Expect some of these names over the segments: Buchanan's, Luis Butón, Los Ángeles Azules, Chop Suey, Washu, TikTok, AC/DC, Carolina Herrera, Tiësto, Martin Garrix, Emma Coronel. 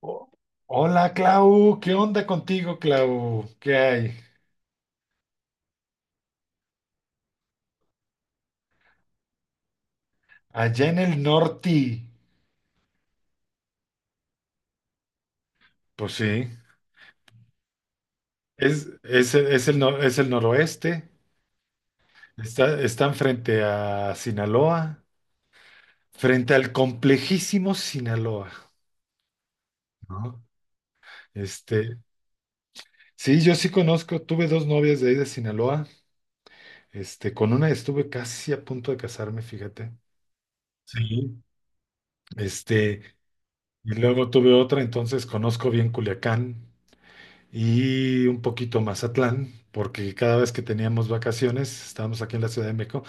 Oh, hola Clau, ¿qué onda contigo, Clau? ¿Qué hay? Allá en el norte. Pues sí, es el, nor- es el noroeste. Están frente a Sinaloa, frente al complejísimo Sinaloa, ¿no? Este, sí, yo sí conozco, tuve dos novias de ahí de Sinaloa. Con una estuve casi a punto de casarme, fíjate. Sí. Este, y luego tuve otra, entonces conozco bien Culiacán. Y un poquito Mazatlán, porque cada vez que teníamos vacaciones, estábamos aquí en la Ciudad de México,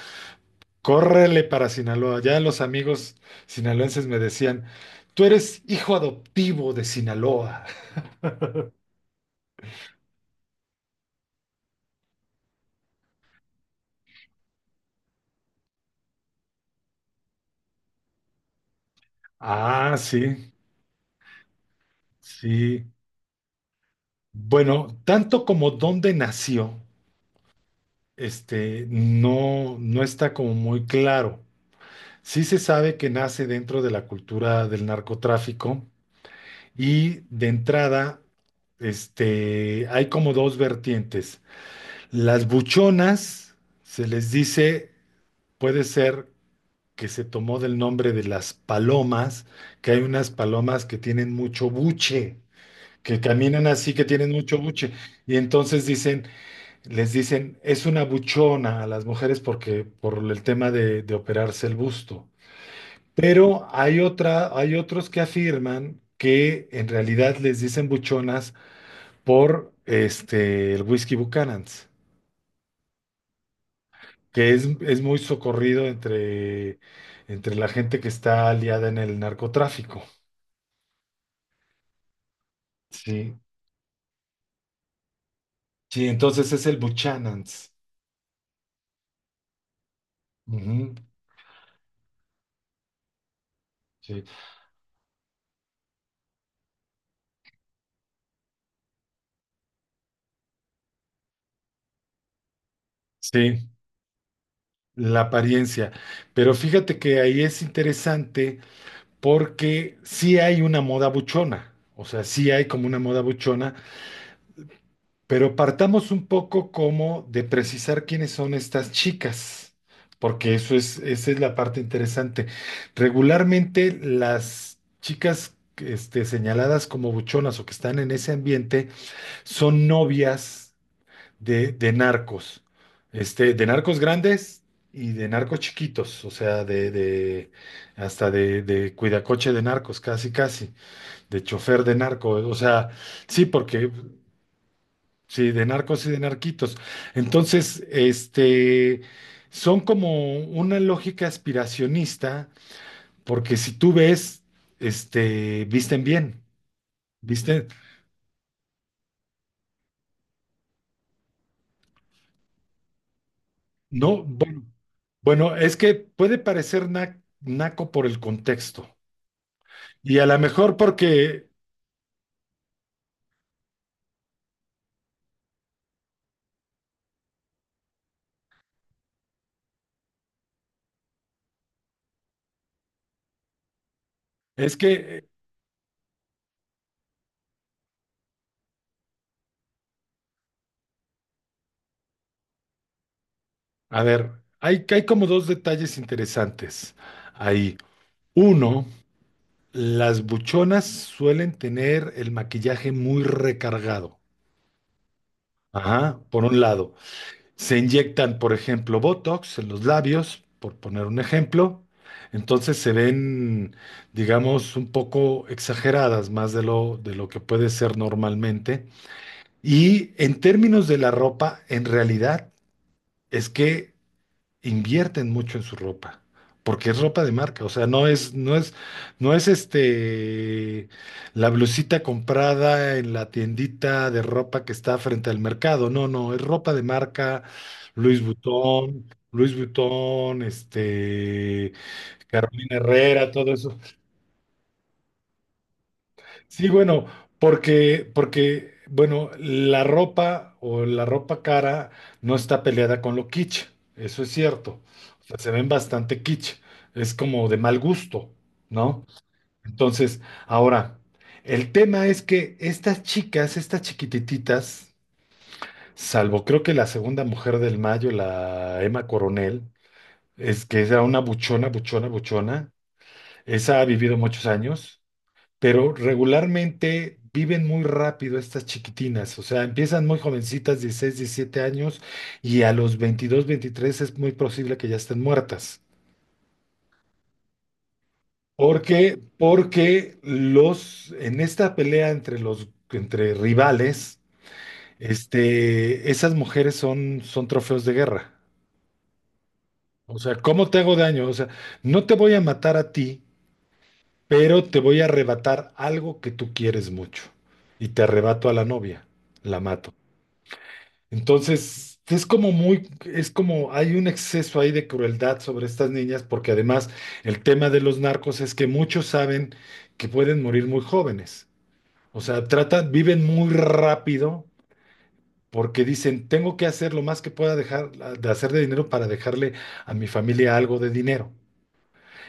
córrele para Sinaloa. Ya los amigos sinaloenses me decían, tú eres hijo adoptivo de Sinaloa. Ah, sí, sí. Bueno, tanto como dónde nació, no, no está como muy claro. Sí se sabe que nace dentro de la cultura del narcotráfico. Y de entrada, hay como dos vertientes. Las buchonas, se les dice, puede ser que se tomó del nombre de las palomas, que hay unas palomas que tienen mucho buche, que caminan así, que tienen mucho buche. Y entonces dicen, les dicen, es una buchona a las mujeres porque, por el tema de operarse el busto. Pero hay otra, hay otros que afirman que en realidad les dicen buchonas por el whisky Buchanan's, que es muy socorrido entre la gente que está aliada en el narcotráfico. Sí, sí, entonces es el Buchanan's. Ujú, sí, sí, la apariencia. Pero fíjate que ahí es interesante porque sí hay una moda buchona. O sea, sí hay como una moda buchona. Pero partamos un poco como de precisar quiénes son estas chicas, porque esa es la parte interesante. Regularmente las chicas señaladas como buchonas o que están en ese ambiente son novias de narcos, de narcos grandes y de narcos chiquitos, o sea, de hasta de cuidacoche de narcos, casi casi, de chofer de narco, o sea, sí, porque. Sí, de narcos y de narquitos. Entonces, son como una lógica aspiracionista, porque si tú ves, visten bien, visten, no, bueno, bueno, es que puede parecer naco por el contexto. Y a lo mejor porque es que, a ver, hay como dos detalles interesantes ahí. Uno, las buchonas suelen tener el maquillaje muy recargado. Ajá, por un lado. Se inyectan, por ejemplo, Botox en los labios, por poner un ejemplo. Entonces se ven, digamos, un poco exageradas más de lo que puede ser normalmente. Y en términos de la ropa, en realidad es que invierten mucho en su ropa, porque es ropa de marca, o sea, no es la blusita comprada en la tiendita de ropa que está frente al mercado, no, no, es ropa de marca, Luis Butón, Luis Butón, Carolina Herrera, todo eso. Sí, bueno, bueno, la ropa o la ropa cara no está peleada con lo kitsch, eso es cierto. O sea, se ven bastante kitsch, es como de mal gusto, ¿no? Entonces, ahora, el tema es que estas chicas, estas chiquitititas, salvo creo que la segunda mujer del mayo, la Emma Coronel, es que era una buchona, buchona, buchona, esa ha vivido muchos años, pero regularmente viven muy rápido estas chiquitinas, o sea, empiezan muy jovencitas, 16, 17 años, y a los 22, 23 es muy posible que ya estén muertas. Porque en esta pelea entre rivales, esas mujeres son trofeos de guerra. O sea, ¿cómo te hago daño? O sea, no te voy a matar a ti, pero te voy a arrebatar algo que tú quieres mucho. Y te arrebato a la novia, la mato. Entonces, es como hay un exceso ahí de crueldad sobre estas niñas, porque además el tema de los narcos es que muchos saben que pueden morir muy jóvenes. O sea, tratan, viven muy rápido porque dicen, tengo que hacer lo más que pueda, dejar de hacer de dinero para dejarle a mi familia algo de dinero.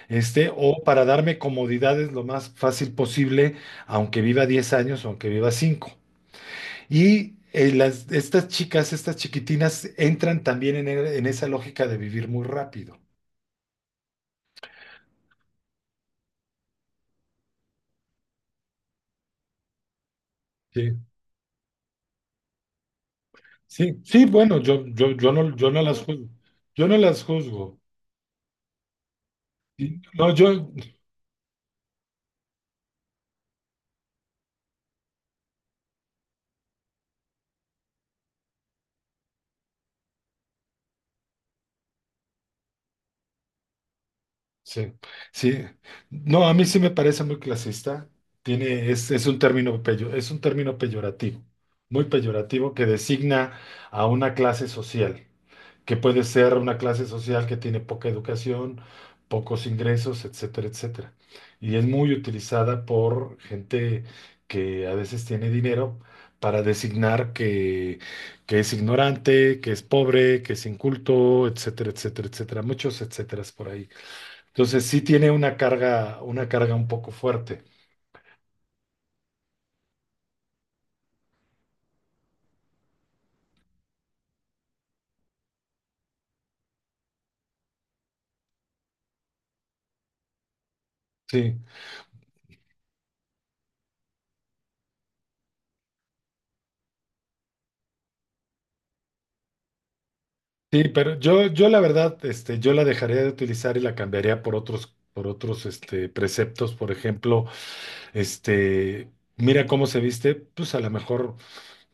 O para darme comodidades lo más fácil posible, aunque viva 10 años o aunque viva 5. Y estas chicas, estas chiquitinas, entran también en esa lógica de vivir muy rápido. Sí, sí, sí, bueno, yo no las juzgo. Yo no las juzgo. Sí, no, sí, sí. No, a mí sí me parece muy clasista. Tiene, es un término peyo- es un término peyorativo, muy peyorativo que designa a una clase social. Que puede ser una clase social que tiene poca educación, pocos ingresos, etcétera, etcétera. Y es muy utilizada por gente que a veces tiene dinero para designar que, es ignorante, que es pobre, que es inculto, etcétera, etcétera, etcétera. Muchos etcéteras por ahí. Entonces sí tiene una carga un poco fuerte. Sí, sí, pero yo la verdad, yo la dejaría de utilizar y la cambiaría por otros preceptos, por ejemplo. Este, Mira cómo se viste, pues a lo mejor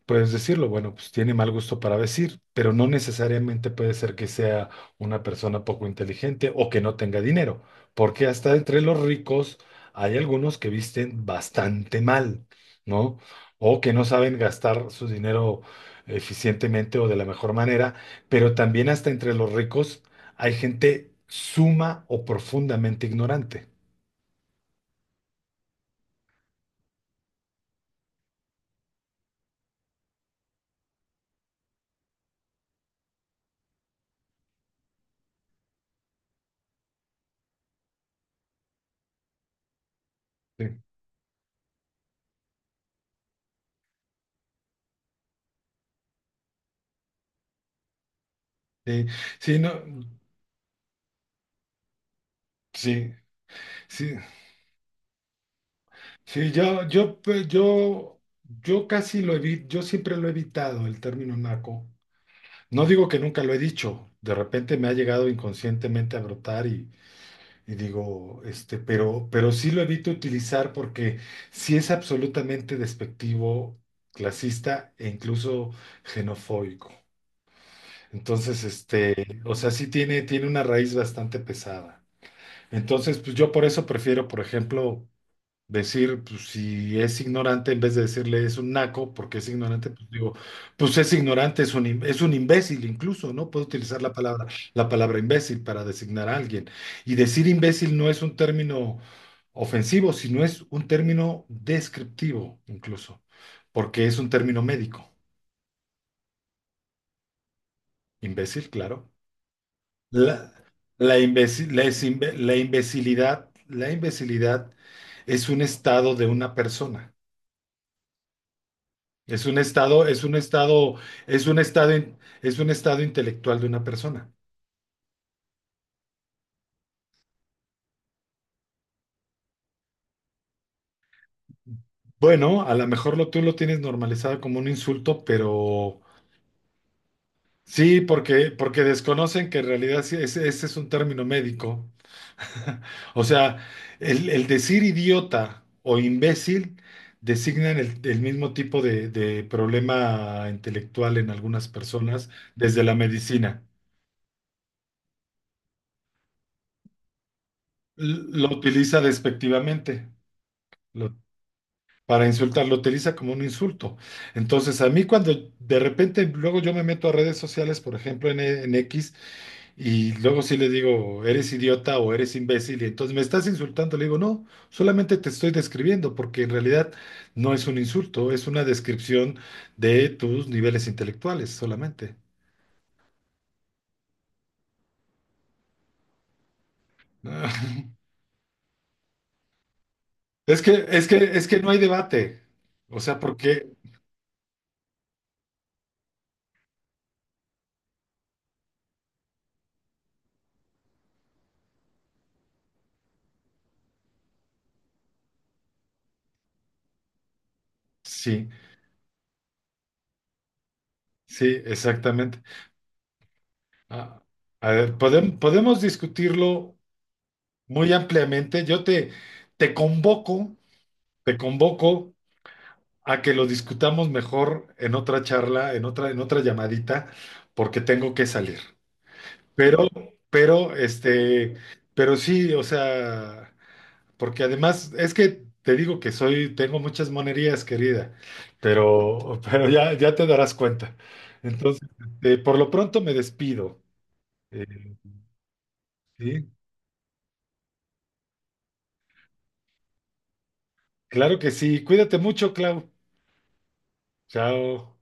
puedes decirlo, bueno, pues tiene mal gusto para vestir, pero no necesariamente puede ser que sea una persona poco inteligente o que no tenga dinero, porque hasta entre los ricos hay algunos que visten bastante mal, ¿no? O que no saben gastar su dinero eficientemente o de la mejor manera, pero también hasta entre los ricos hay gente suma o profundamente ignorante. Sí, sí, sí, no, sí. Sí, sí, yo casi lo evito, yo siempre lo he evitado el término naco. No digo que nunca lo he dicho, de repente me ha llegado inconscientemente a brotar y digo, pero sí lo evito utilizar porque sí es absolutamente despectivo, clasista e incluso xenofóbico. Entonces, o sea, sí tiene una raíz bastante pesada. Entonces, pues yo por eso prefiero, por ejemplo, decir, pues si es ignorante, en vez de decirle es un naco, porque es ignorante, pues digo, pues es ignorante, es un imbécil incluso, ¿no? Puedo utilizar la palabra imbécil para designar a alguien. Y decir imbécil no es un término ofensivo, sino es un término descriptivo incluso, porque es un término médico. Imbécil, claro. La, la, imbécil- la es imbe- la La imbecilidad es un estado de una persona. Es un estado, es un estado, es un estado es un estado intelectual de una persona. Bueno, a lo mejor tú lo tienes normalizado como un insulto, pero sí, porque desconocen que en realidad sí, ese es un término médico. O sea, el decir idiota o imbécil designan el mismo tipo de problema intelectual en algunas personas desde la medicina. Lo utiliza despectivamente. Lo para insultar, lo utiliza como un insulto. Entonces, a mí cuando de repente luego yo me meto a redes sociales, por ejemplo en X, y luego sí le digo, eres idiota o eres imbécil, y entonces me estás insultando, le digo, no, solamente te estoy describiendo, porque en realidad no es un insulto, es una descripción de tus niveles intelectuales solamente. Es que no hay debate. O sea, porque sí, sí, exactamente. Ah, a ver, podemos discutirlo muy ampliamente. Yo te convoco, te convoco a que lo discutamos mejor en otra charla, en otra llamadita, porque tengo que salir. Pero, pero, este, pero sí, o sea, porque además es que te digo que tengo muchas monerías, querida, pero ya, ya te darás cuenta. Entonces, por lo pronto me despido. Eh, sí, claro que sí. Cuídate mucho, Clau. Chao.